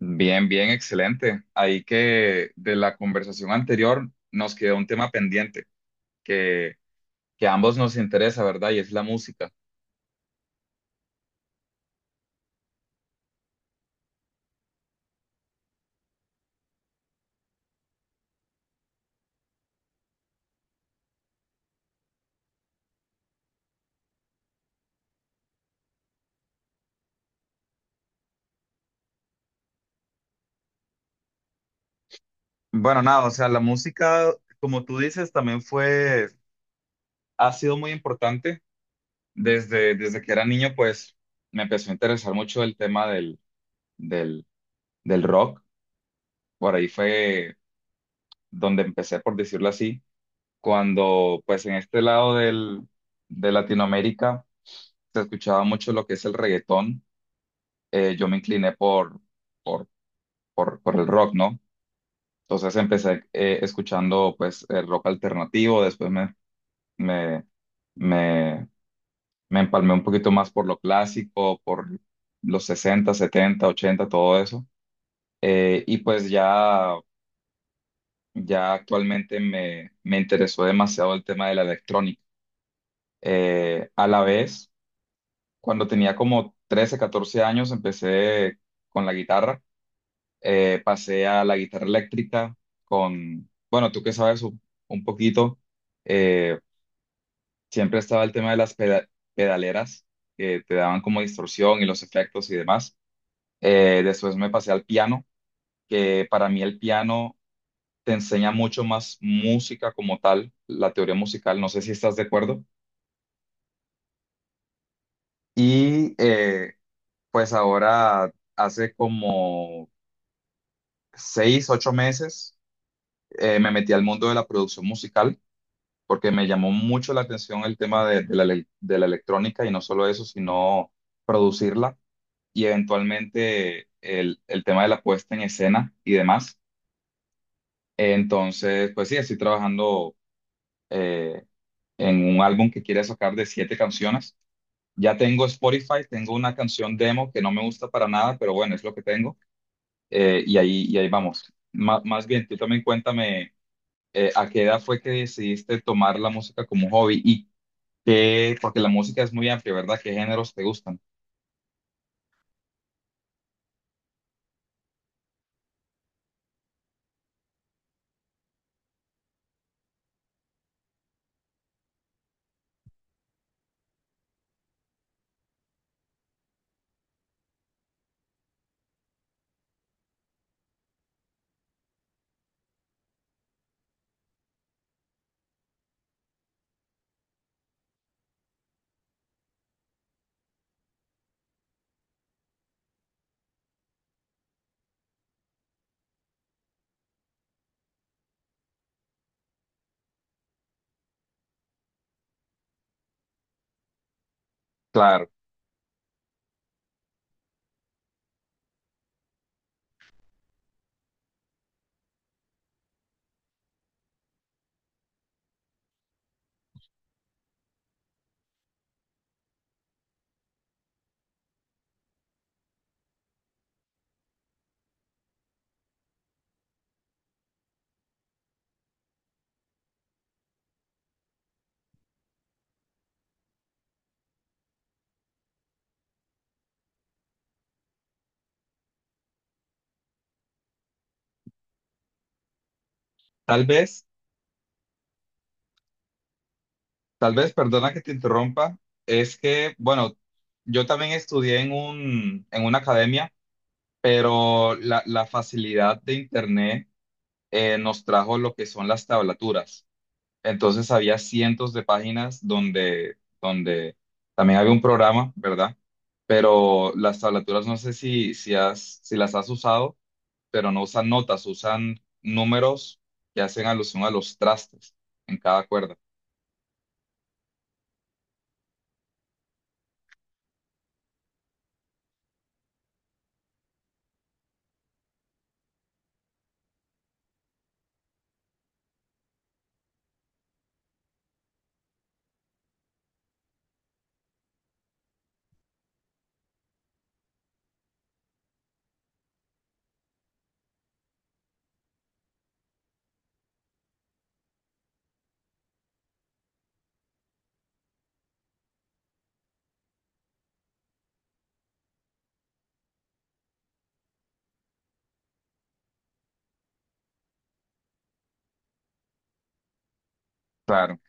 Bien, bien, excelente. Ahí que de la conversación anterior nos quedó un tema pendiente que, que a ambos nos interesa, ¿verdad? Y es la música. Bueno, nada, o sea, la música, como tú dices, también ha sido muy importante. Desde que era niño, pues me empezó a interesar mucho el tema del, del rock. Por ahí fue donde empecé, por decirlo así, cuando pues en este lado de Latinoamérica se escuchaba mucho lo que es el reggaetón. Yo me incliné por, por el rock, ¿no? Entonces empecé escuchando pues el rock alternativo. Después me, me, me empalmé un poquito más por lo clásico, por los 60, 70, 80, todo eso. Y pues ya actualmente me interesó demasiado el tema de la electrónica. A la vez, cuando tenía como 13, 14 años, empecé con la guitarra. Pasé a la guitarra eléctrica con, bueno, tú que sabes un poquito, eh, siempre estaba el tema de las pedaleras que te daban como distorsión y los efectos y demás. Después me pasé al piano, que para mí el piano te enseña mucho más música como tal, la teoría musical. No sé si estás de acuerdo. Y pues ahora hace como 6, 8 meses me metí al mundo de la producción musical porque me llamó mucho la atención el tema de la electrónica y no solo eso, sino producirla y eventualmente el tema de la puesta en escena y demás. Entonces, pues sí, estoy trabajando eh, en un álbum que quiere sacar de siete canciones. Ya tengo Spotify, tengo una canción demo que no me gusta para nada, pero bueno, es lo que tengo. Y ahí vamos. Más bien, tú también cuéntame a qué edad fue que decidiste tomar la música como hobby porque la música es muy amplia, ¿verdad? ¿Qué géneros te gustan? Claro. Tal vez, tal vez, perdona que te interrumpa, es que, bueno, yo también estudié en una academia, pero la facilidad de internet nos trajo lo que son las tablaturas. Entonces había cientos de páginas donde también había un programa, ¿verdad? Pero las tablaturas, no sé si las has usado, pero no usan notas, usan números que hacen alusión a los trastes en cada cuerda. Claro.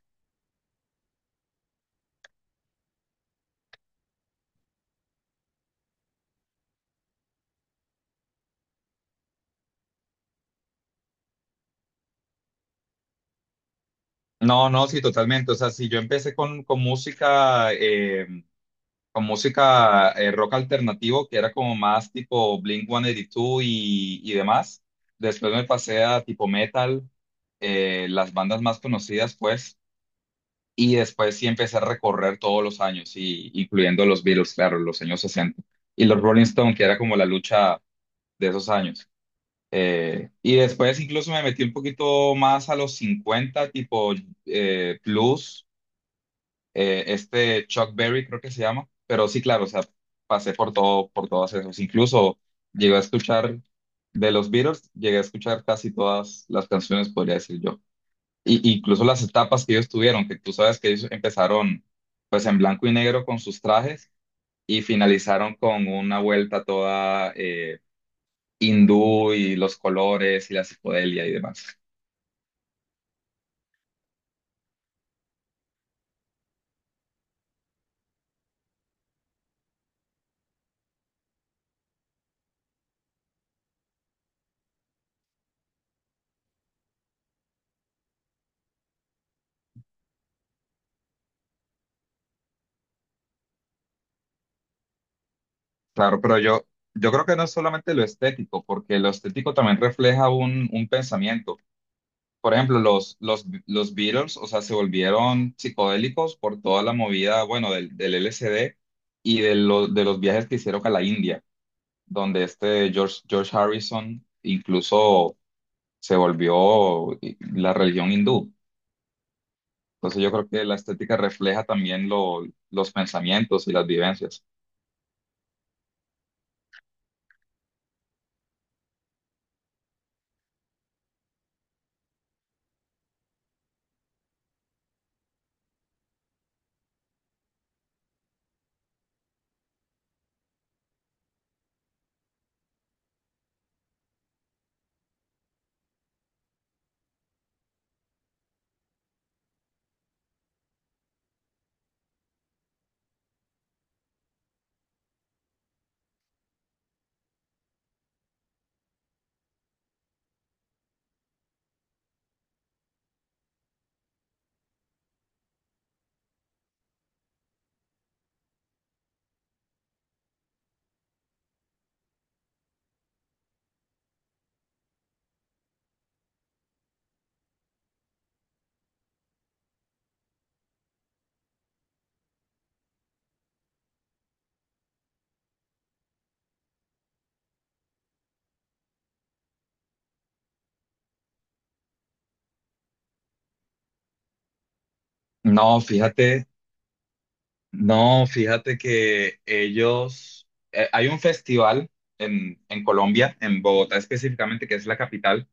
No, no, sí, totalmente. O sea, si yo empecé con música, rock alternativo, que era como más tipo Blink-182 y, dos y demás, después me pasé a tipo metal, las bandas más conocidas, pues, y después sí empecé a recorrer todos los años, incluyendo los Beatles, claro, los años 60 y los Rolling Stone, que era como la lucha de esos años. Y después incluso me metí un poquito más a los 50 tipo Plus, este Chuck Berry creo que se llama. Pero sí, claro, o sea, pasé por todo, por todos esos. Incluso llegué a escuchar de los Beatles, llegué a escuchar casi todas las canciones, podría decir yo. Incluso las etapas que ellos tuvieron, que tú sabes que ellos empezaron pues en blanco y negro con sus trajes y finalizaron con una vuelta toda hindú y los colores y la psicodelia y demás. Claro, pero yo creo que no es solamente lo estético, porque lo estético también refleja un pensamiento. Por ejemplo, los Beatles, o sea, se volvieron psicodélicos por toda la movida, bueno, del LSD y de los viajes que hicieron a la India, donde este George Harrison incluso se volvió la religión hindú. Entonces yo creo que la estética refleja también los pensamientos y las vivencias. No, fíjate. No, fíjate que ellos, hay un festival en Colombia, en Bogotá específicamente, que es la capital,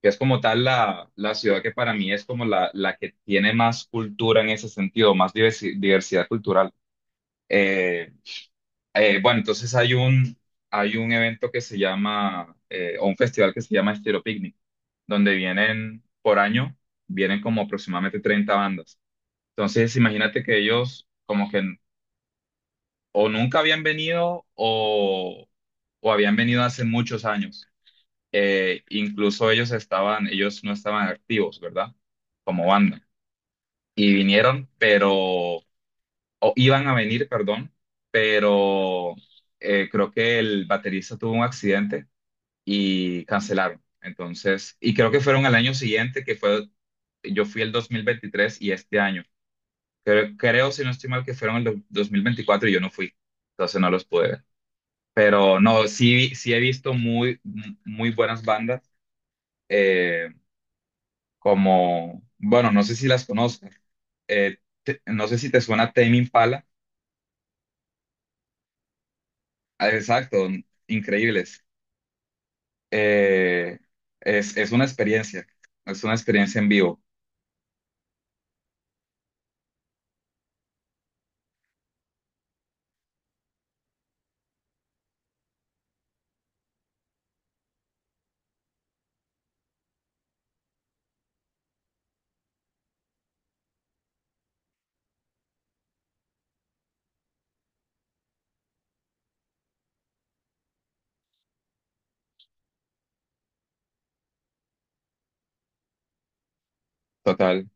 que es como tal la ciudad que para mí es como la que tiene más cultura en ese sentido, más diversidad cultural. Eh, bueno, entonces hay un evento que se llama, o un festival que se llama Estilo Picnic, donde vienen por año, vienen como aproximadamente 30 bandas. Entonces, imagínate que ellos como que o nunca habían venido o habían venido hace muchos años. Incluso ellos no estaban activos, ¿verdad? Como banda. Y vinieron, pero, o iban a venir, perdón, pero creo que el baterista tuvo un accidente y cancelaron. Entonces, y creo que fueron al año siguiente, que fue, yo fui el 2023 y este año. Creo, si no estoy mal, que fueron el 2024 y yo no fui. Entonces no los pude ver. Pero no, sí, sí he visto muy, muy buenas bandas, eh, como, bueno, no sé si las conozco, eh, no sé si te suena Tame Impala. Ah, exacto, increíbles. Eh, es una experiencia, es una experiencia en vivo, total,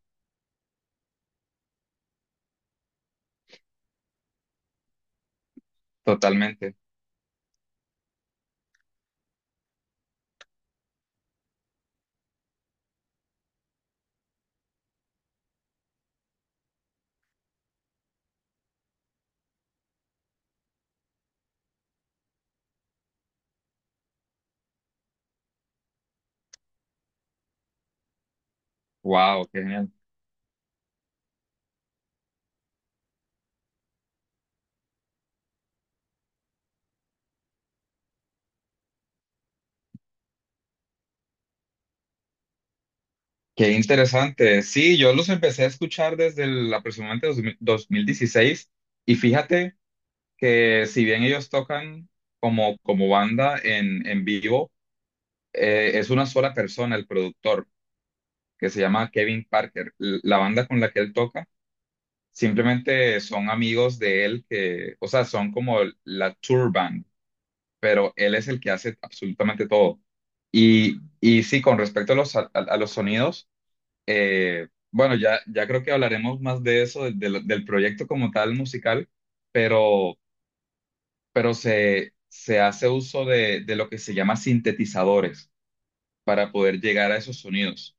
totalmente. Wow, qué genial. Qué interesante. Sí, yo los empecé a escuchar desde el, aproximadamente 2016 y fíjate que si bien ellos tocan como banda en vivo, es una sola persona, el productor, que se llama Kevin Parker. La banda con la que él toca simplemente son amigos de él que, o sea, son como la tour band, pero él es el que hace absolutamente todo. Y sí, con respecto a a los sonidos, bueno, ya creo que hablaremos más de eso, del proyecto como tal musical, pero... pero se hace uso de lo que se llama sintetizadores para poder llegar a esos sonidos.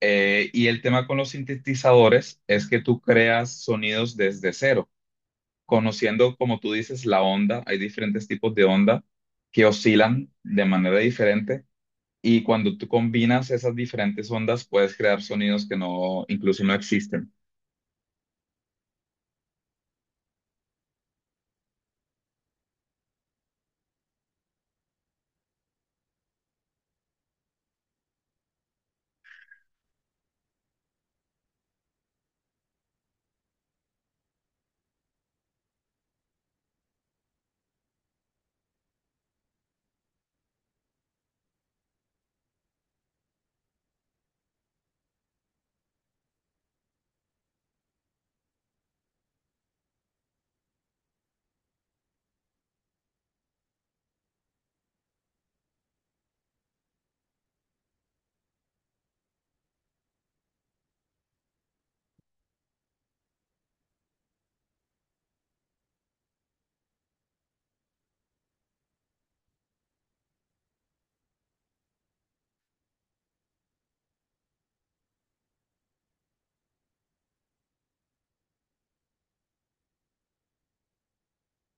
Y el tema con los sintetizadores es que tú creas sonidos desde cero, conociendo, como tú dices, la onda. Hay diferentes tipos de onda que oscilan de manera diferente. Y cuando tú combinas esas diferentes ondas, puedes crear sonidos que no, incluso no existen.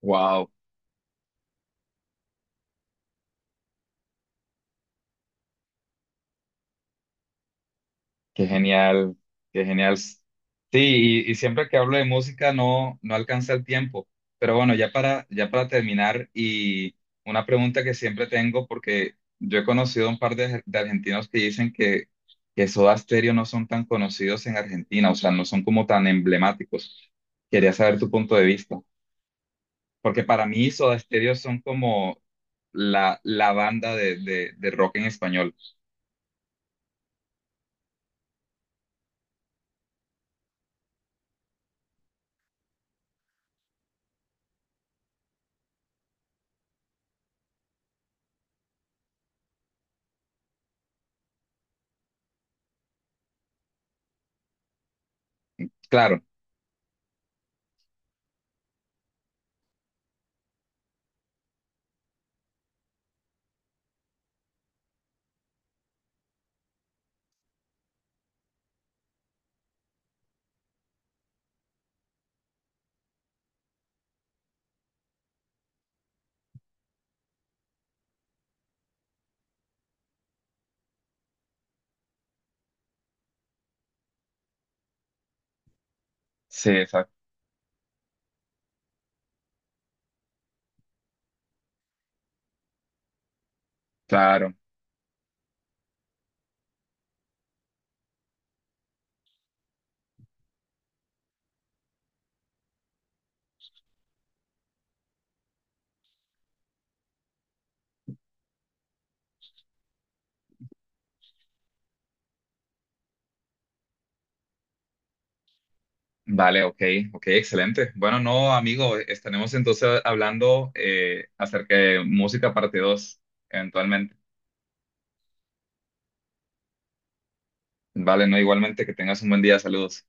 Wow. Qué genial, qué genial. Sí, y siempre que hablo de música no alcanza el tiempo. Pero bueno, ya para terminar, y una pregunta que siempre tengo, porque yo he conocido un par de argentinos que dicen que Soda Stereo no son tan conocidos en Argentina, o sea, no son como tan emblemáticos. Quería saber tu punto de vista, porque para mí Soda Stereo son como la banda de rock en español. Claro, sí, exacto, claro. Vale, ok, ok, excelente. Bueno, no, amigo, estaremos entonces hablando acerca de música parte 2, eventualmente. Vale, no, igualmente, que tengas un buen día, saludos.